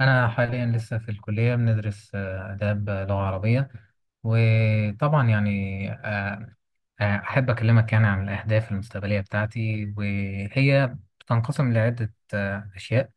أنا حاليا لسه في الكلية بندرس آداب، لغة عربية. وطبعا يعني أحب أكلمك يعني عن الأهداف المستقبلية بتاعتي، وهي تنقسم لعدة أشياء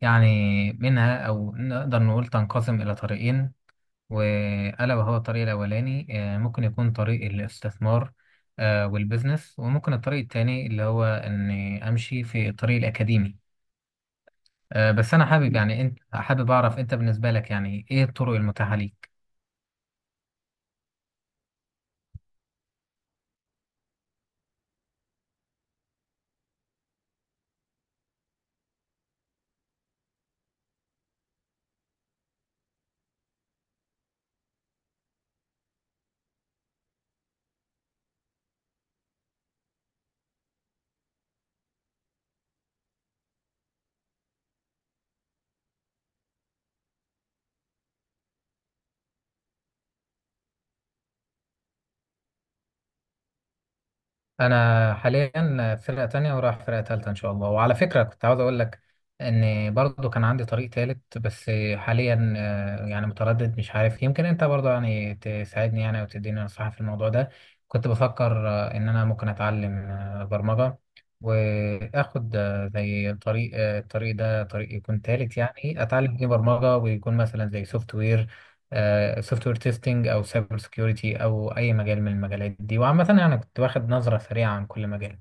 يعني. منها، أو نقدر نقول تنقسم إلى طريقين، وألا وهو الطريق الأولاني. ممكن يكون طريق الاستثمار، والبزنس، وممكن الطريق التاني اللي هو إني أمشي في الطريق الأكاديمي. بس انا حابب يعني انت حابب اعرف انت بالنسبه لك يعني ايه الطرق المتاحه ليك؟ انا حاليا فرقه تانية ورايح فرقه تالتة ان شاء الله. وعلى فكره كنت عاوز اقول لك ان برضو كان عندي طريق تالت، بس حاليا يعني متردد مش عارف، يمكن انت برضو يعني تساعدني يعني وتديني نصيحه في الموضوع ده. كنت بفكر ان انا ممكن اتعلم برمجه، واخد آه، زي طريق آه، الطريق ده طريق يكون تالت يعني، اتعلم فيه برمجه ويكون مثلا زي سوفت وير، سوفت وير تيستنج، او سايبر سكيورتي، او اي مجال من المجالات دي. وعامه يعني كنت واخد نظره سريعه عن كل مجال،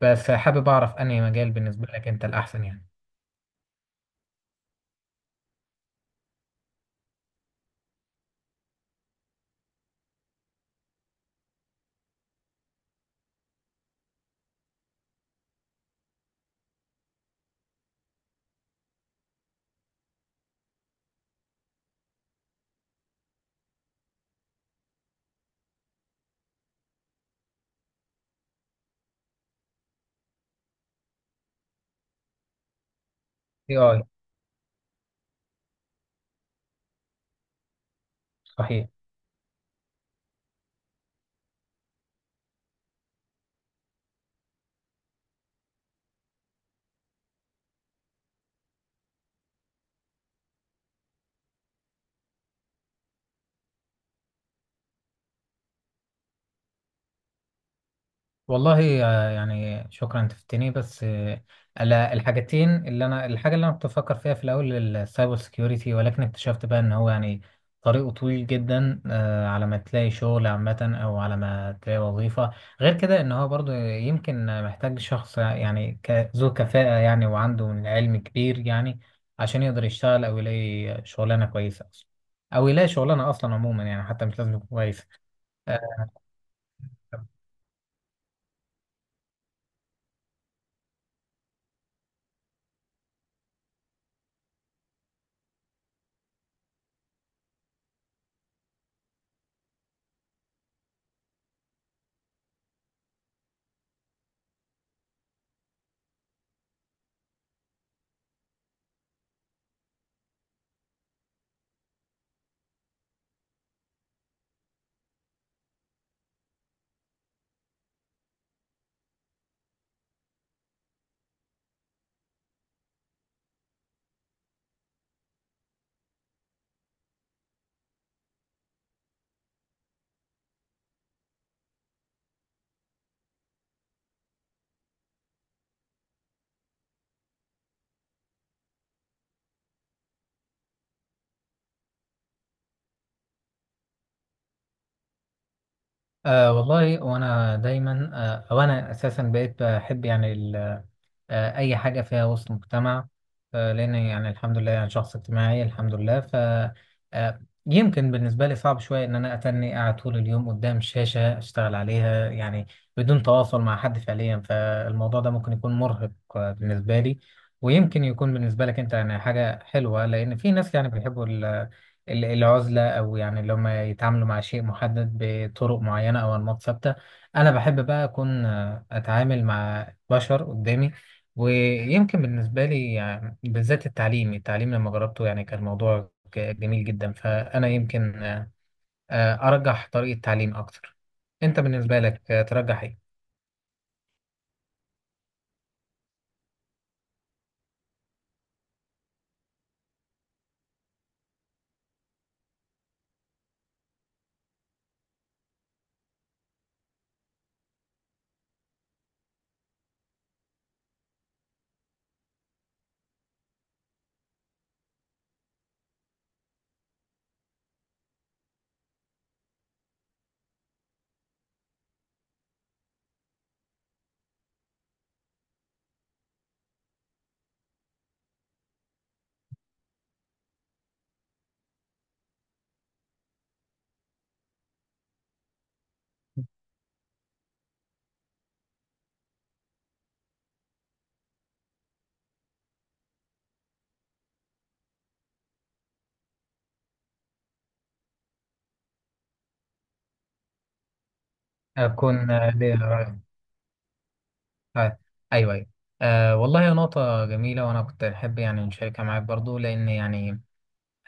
بس حابب اعرف انهي مجال بالنسبه لك انت الاحسن يعني. اي اي. صحيح. والله يعني شكرا، انت فتني. بس على الحاجتين، اللي انا الحاجه اللي انا كنت بفكر فيها في الاول السايبر سكيورتي، ولكن اكتشفت بقى ان هو يعني طريقه طويل جدا على ما تلاقي شغل عامه او على ما تلاقي وظيفه. غير كده ان هو برضو يمكن محتاج شخص يعني ذو كفاءه يعني، وعنده من علم كبير يعني، عشان يقدر يشتغل او يلاقي شغلانه كويسه اصلا، او يلاقي شغلانه اصلا عموما يعني حتى مش لازم يكون كويس. آه، أه والله. وأنا دايما أه أو أنا أساسا بقيت بحب يعني أي حاجة فيها وسط مجتمع، لأن يعني الحمد لله يعني شخص اجتماعي الحمد لله. ف يمكن بالنسبة لي صعب شوية إن أنا أتني قاعد طول اليوم قدام شاشة أشتغل عليها يعني، بدون تواصل مع حد فعليا. فالموضوع ده ممكن يكون مرهق بالنسبة لي، ويمكن يكون بالنسبة لك أنت يعني حاجة حلوة، لأن في ناس يعني بيحبوا العزلة، أو يعني اللي هم يتعاملوا مع شيء محدد بطرق معينة أو أنماط ثابتة. أنا بحب بقى أكون أتعامل مع بشر قدامي. ويمكن بالنسبة لي يعني بالذات التعليم، التعليم لما جربته يعني كان الموضوع جميل جدا. فأنا يمكن أرجح طريقة تعليم أكتر. أنت بالنسبة لك ترجح إيه؟ أكون ليا رأي. آه، أيوه، أيوه. والله يا نقطة جميلة، وأنا كنت أحب يعني نشاركها معاك برضو. لأن يعني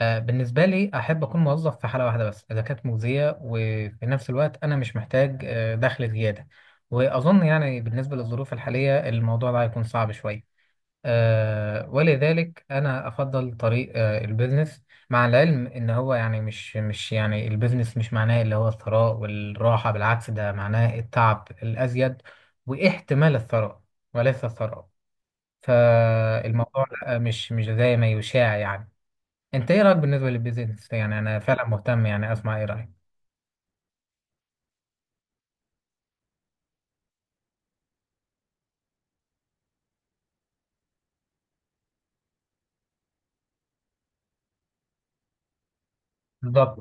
بالنسبة لي أحب أكون موظف في حالة واحدة بس، إذا كانت مجزية وفي نفس الوقت أنا مش محتاج دخل زيادة. وأظن يعني بالنسبة للظروف الحالية الموضوع ده هيكون صعب شوية. آه، ولذلك أنا أفضل طريق آه البيزنس، مع العلم إن هو يعني مش مش يعني البيزنس مش معناه اللي هو الثراء والراحة. بالعكس، ده معناه التعب الأزيد واحتمال الثراء، وليس الثراء. فالموضوع لأ، مش زي ما يشاع يعني. أنت إيه رأيك بالنسبة للبيزنس؟ يعني أنا فعلا مهتم يعني أسمع إيه رأيك. بالظبط.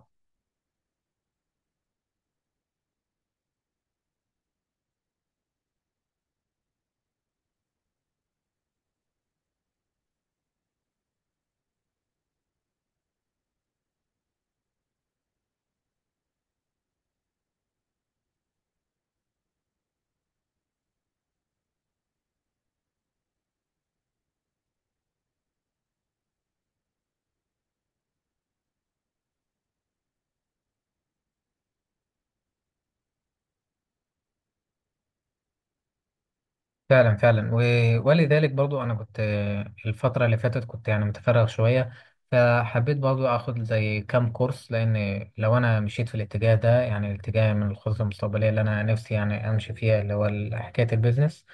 فعلا، فعلا. ولذلك برضو انا كنت الفتره اللي فاتت كنت يعني متفرغ شويه، فحبيت برضو اخد زي كام كورس. لان لو انا مشيت في الاتجاه ده يعني الاتجاه من الخطط المستقبليه اللي انا نفسي يعني امشي فيها اللي هو حكايه البيزنس،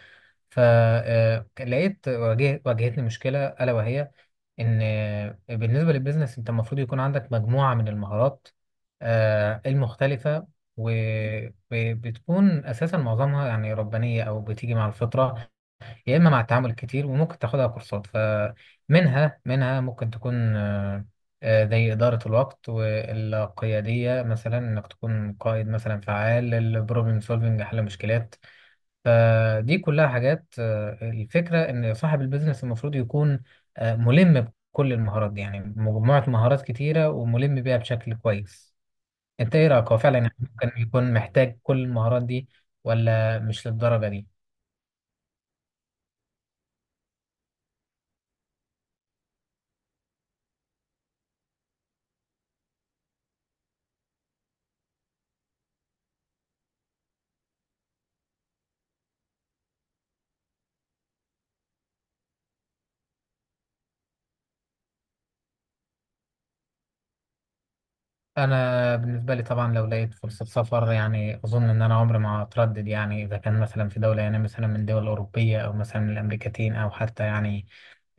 فلقيت واجهتني مشكله الا وهي ان بالنسبه للبيزنس انت المفروض يكون عندك مجموعه من المهارات المختلفه، وبتكون اساسا معظمها يعني ربانيه او بتيجي مع الفطره، يا اما مع التعامل كتير، وممكن تاخدها كورسات. فمنها منها ممكن تكون زي اداره الوقت والقياديه، مثلا انك تكون قائد مثلا فعال، البروبلم سولفنج حل مشكلات. فدي كلها حاجات الفكره ان صاحب البيزنس المفروض يكون ملم بكل المهارات دي يعني، مجموعه مهارات كتيره وملم بيها بشكل كويس. انت ايه رايك؟ هو فعلا يعني ممكن يكون محتاج كل المهارات دي، ولا مش للدرجه دي؟ انا بالنسبه لي طبعا لو لقيت فرصه سفر يعني اظن ان انا عمري ما هتردد يعني. اذا كان مثلا في دوله يعني مثلا من دول اوروبيه، او مثلا من الامريكتين، او حتى يعني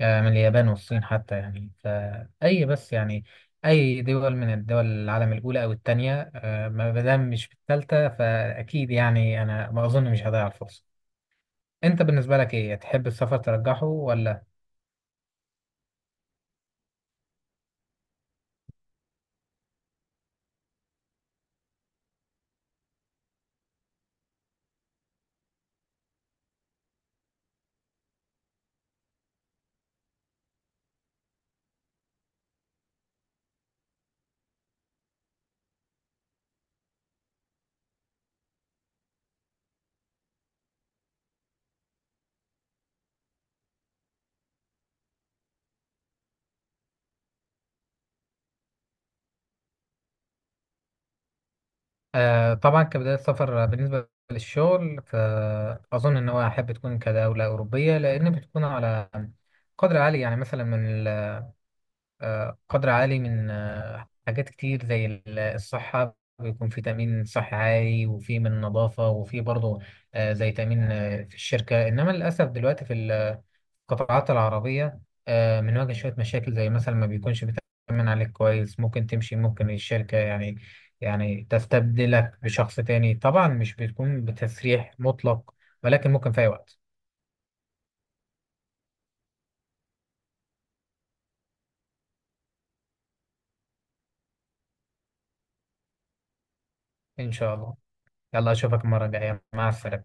من اليابان والصين حتى يعني، فاي بس يعني اي دول من الدول العالم الاولى او الثانيه، ما دام مش في الثالثه، فاكيد يعني انا ما اظن مش هضيع الفرصه. انت بالنسبه لك ايه تحب السفر ترجحه ولا؟ طبعا كبداية سفر بالنسبة للشغل، فأظن إن هو أحب تكون كدولة أوروبية، لأن بتكون على قدر عالي يعني مثلا من قدر عالي من حاجات كتير زي الصحة. بيكون في تأمين صحي عالي، وفي من نظافة، وفي برضه زي تأمين في الشركة. إنما للأسف دلوقتي في ال القطاعات العربية بنواجه شوية مشاكل، زي مثلا ما بيكونش بيتأمن عليك كويس، ممكن تمشي، ممكن الشركة يعني يعني تستبدلك بشخص تاني. طبعا مش بتكون بتسريح مطلق، ولكن ممكن في أي وقت. إن شاء الله. يلا أشوفك المرة الجاية. مع السلامة.